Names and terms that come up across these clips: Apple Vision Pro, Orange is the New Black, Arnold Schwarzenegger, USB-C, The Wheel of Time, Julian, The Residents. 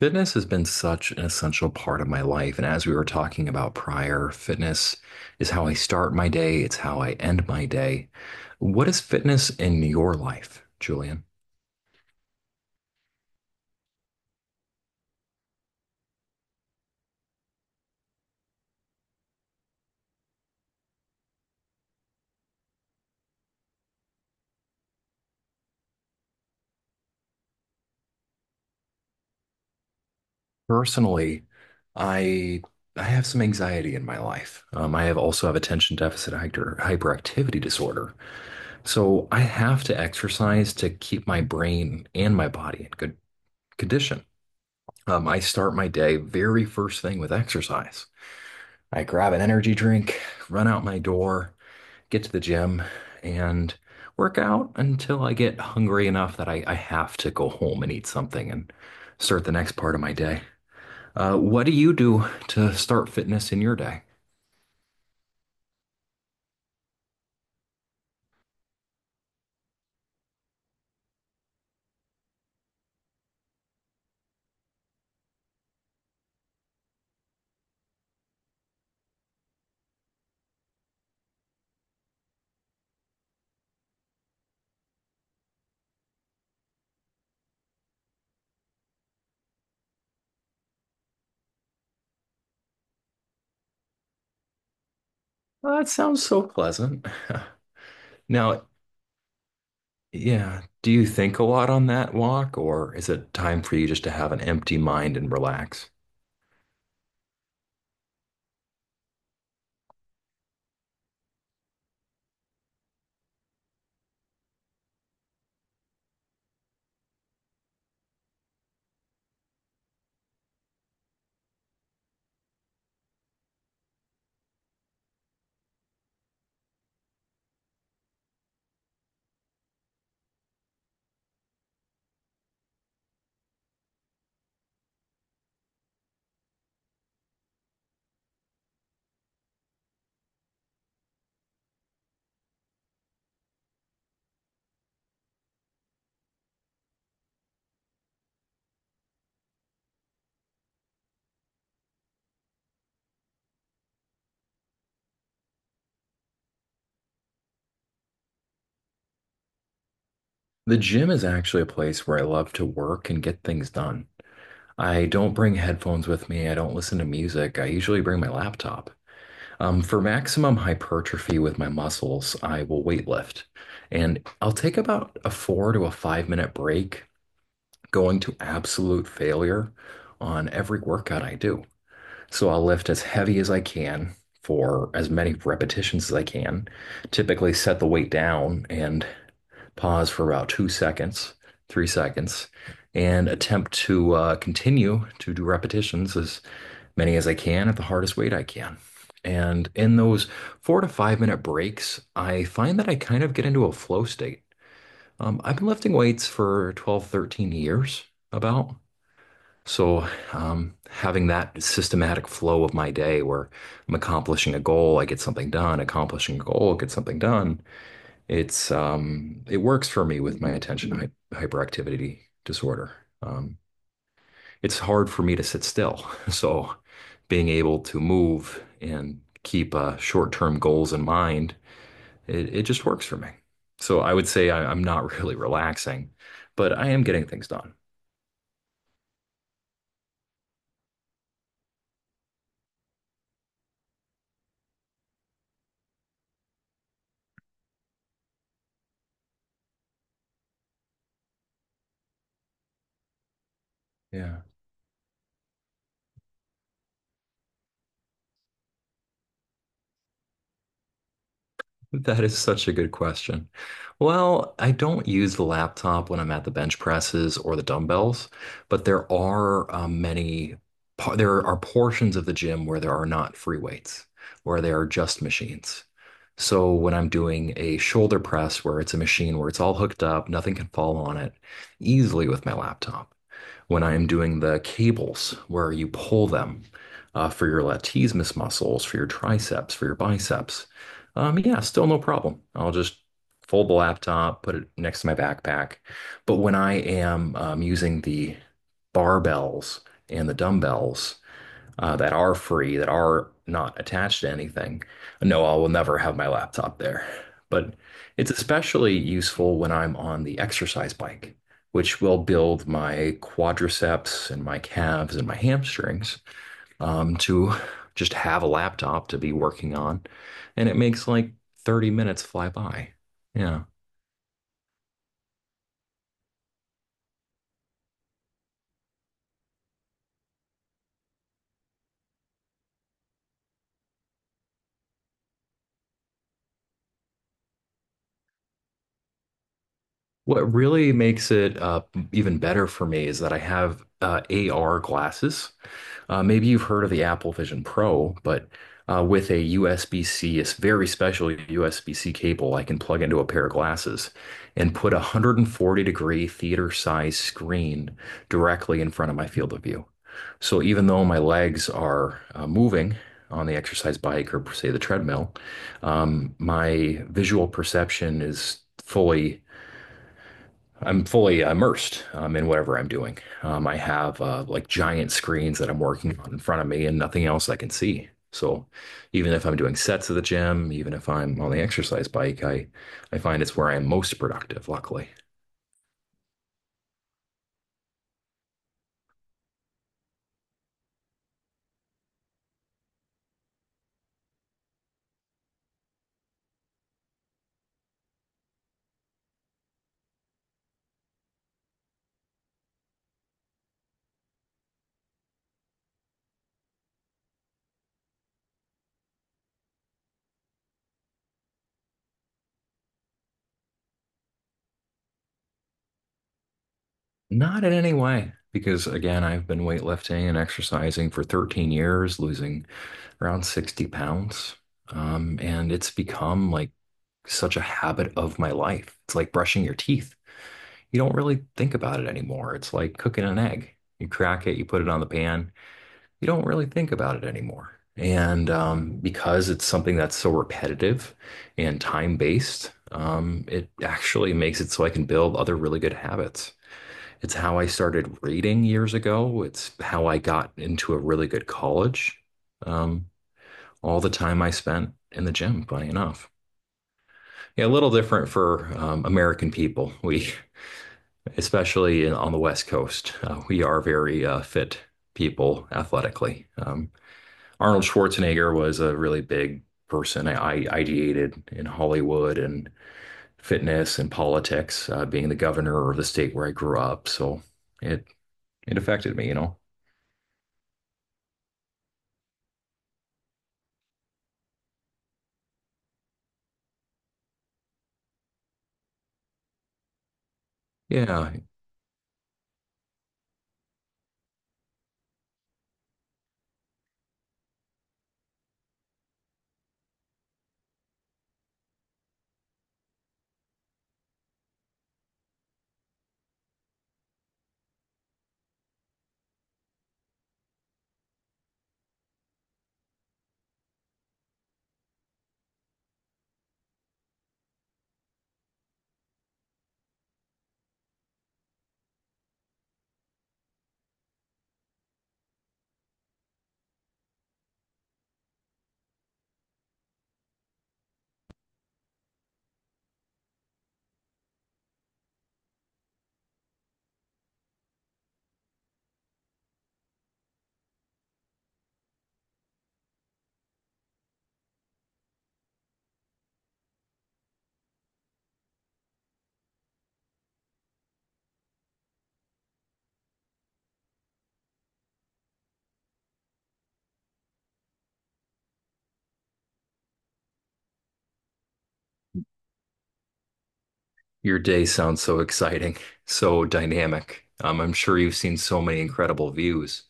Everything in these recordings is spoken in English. Fitness has been such an essential part of my life. And as we were talking about prior, fitness is how I start my day, it's how I end my day. What is fitness in your life, Julian? Personally, I I have some anxiety in my life. I have also have attention deficit hyperactivity disorder. So I have to exercise to keep my brain and my body in good condition. I start my day very first thing with exercise. I grab an energy drink, run out my door, get to the gym, and work out until I get hungry enough that I have to go home and eat something and start the next part of my day. What do you do to start fitness in your day? Well, that sounds so pleasant. Now, yeah, do you think a lot on that walk, or is it time for you just to have an empty mind and relax? The gym is actually a place where I love to work and get things done. I don't bring headphones with me. I don't listen to music. I usually bring my laptop. For maximum hypertrophy with my muscles, I will weightlift. And I'll take about a four to a 5-minute break, going to absolute failure on every workout I do. So I'll lift as heavy as I can for as many repetitions as I can, typically set the weight down and pause for about 2 seconds, 3 seconds, and attempt to continue to do repetitions as many as I can at the hardest weight I can. And in those 4 to 5 minute breaks, I find that I kind of get into a flow state. I've been lifting weights for 12, 13 years, about. So, having that systematic flow of my day where I'm accomplishing a goal, I get something done, accomplishing a goal, get something done, it works for me with my attention hyperactivity disorder. Um, it's hard for me to sit still. So being able to move and keep short-term goals in mind, it just works for me. So I would say I'm not really relaxing, but I am getting things done. Yeah. That is such a good question. Well, I don't use the laptop when I'm at the bench presses or the dumbbells, but there are many, there are portions of the gym where there are not free weights, where there are just machines. So when I'm doing a shoulder press where it's a machine where it's all hooked up, nothing can fall on it, easily with my laptop when I am doing the cables where you pull them for your latissimus muscles, for your triceps, for your biceps. Yeah, still no problem. I'll just fold the laptop, put it next to my backpack. But when I am using the barbells and the dumbbells, that are free, that are not attached to anything. No, I will never have my laptop there. But it's especially useful when I'm on the exercise bike, which will build my quadriceps and my calves and my hamstrings to just have a laptop to be working on. And it makes like 30 minutes fly by. Yeah. What really makes it even better for me is that I have AR glasses. Maybe you've heard of the Apple Vision Pro, but with a USB-C, very special USB-C cable, I can plug into a pair of glasses and put a 140 degree theater size screen directly in front of my field of view. So even though my legs are moving on the exercise bike or say the treadmill, my visual perception is fully I'm fully immersed in whatever I'm doing. I have like giant screens that I'm working on in front of me and nothing else I can see. So even if I'm doing sets at the gym, even if I'm on the exercise bike, I find it's where I'm most productive, luckily. Not in any way, because again, I've been weightlifting and exercising for 13 years, losing around 60 pounds. And it's become like such a habit of my life. It's like brushing your teeth. You don't really think about it anymore. It's like cooking an egg. You crack it, you put it on the pan. You don't really think about it anymore. And because it's something that's so repetitive and time-based, it actually makes it so I can build other really good habits. It's how I started reading years ago. It's how I got into a really good college. Um, all the time I spent in the gym, funny enough. Yeah, a little different for American people. We, especially on the West Coast, we are very fit people athletically. Arnold Schwarzenegger was a really big person. I ideated in Hollywood and fitness and politics, being the governor of the state where I grew up. So it it affected me. Yeah, your day sounds so exciting, so dynamic. I'm sure you've seen so many incredible views.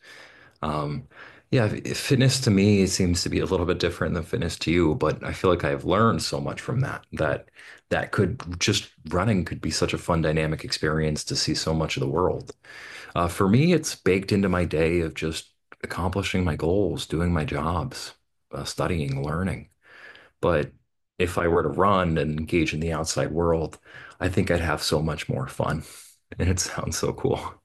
Um, yeah, fitness to me seems to be a little bit different than fitness to you, but I feel like I've learned so much from that that that could just running could be such a fun dynamic experience to see so much of the world. For me, it's baked into my day of just accomplishing my goals, doing my jobs, studying, learning. But if I were to run and engage in the outside world, I think I'd have so much more fun. And it sounds so cool.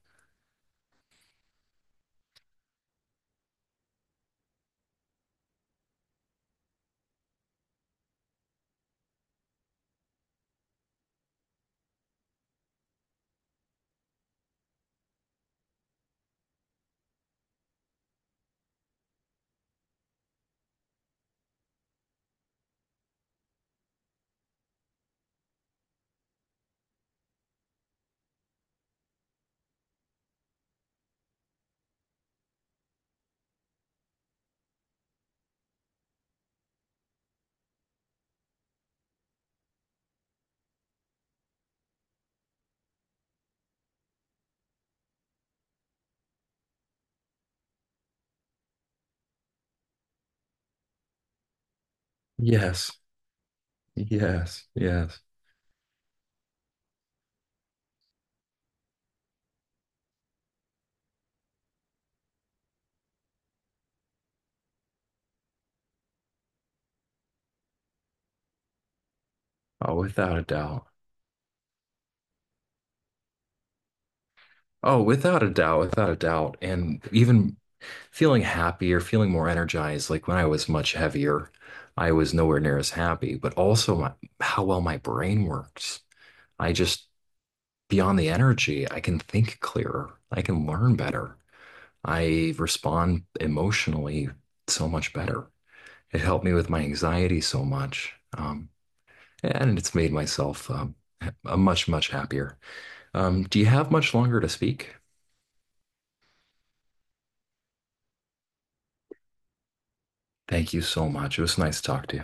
Yes, yes, yes. Oh, without a doubt. Oh, without a doubt, without a doubt. And even feeling happier, feeling more energized. Like when I was much heavier, I was nowhere near as happy, but also how well my brain works. I just Beyond the energy, I can think clearer. I can learn better. I respond emotionally so much better. It helped me with my anxiety so much. And it's made myself a much, much happier. Do you have much longer to speak? Thank you so much. It was nice to talk to you.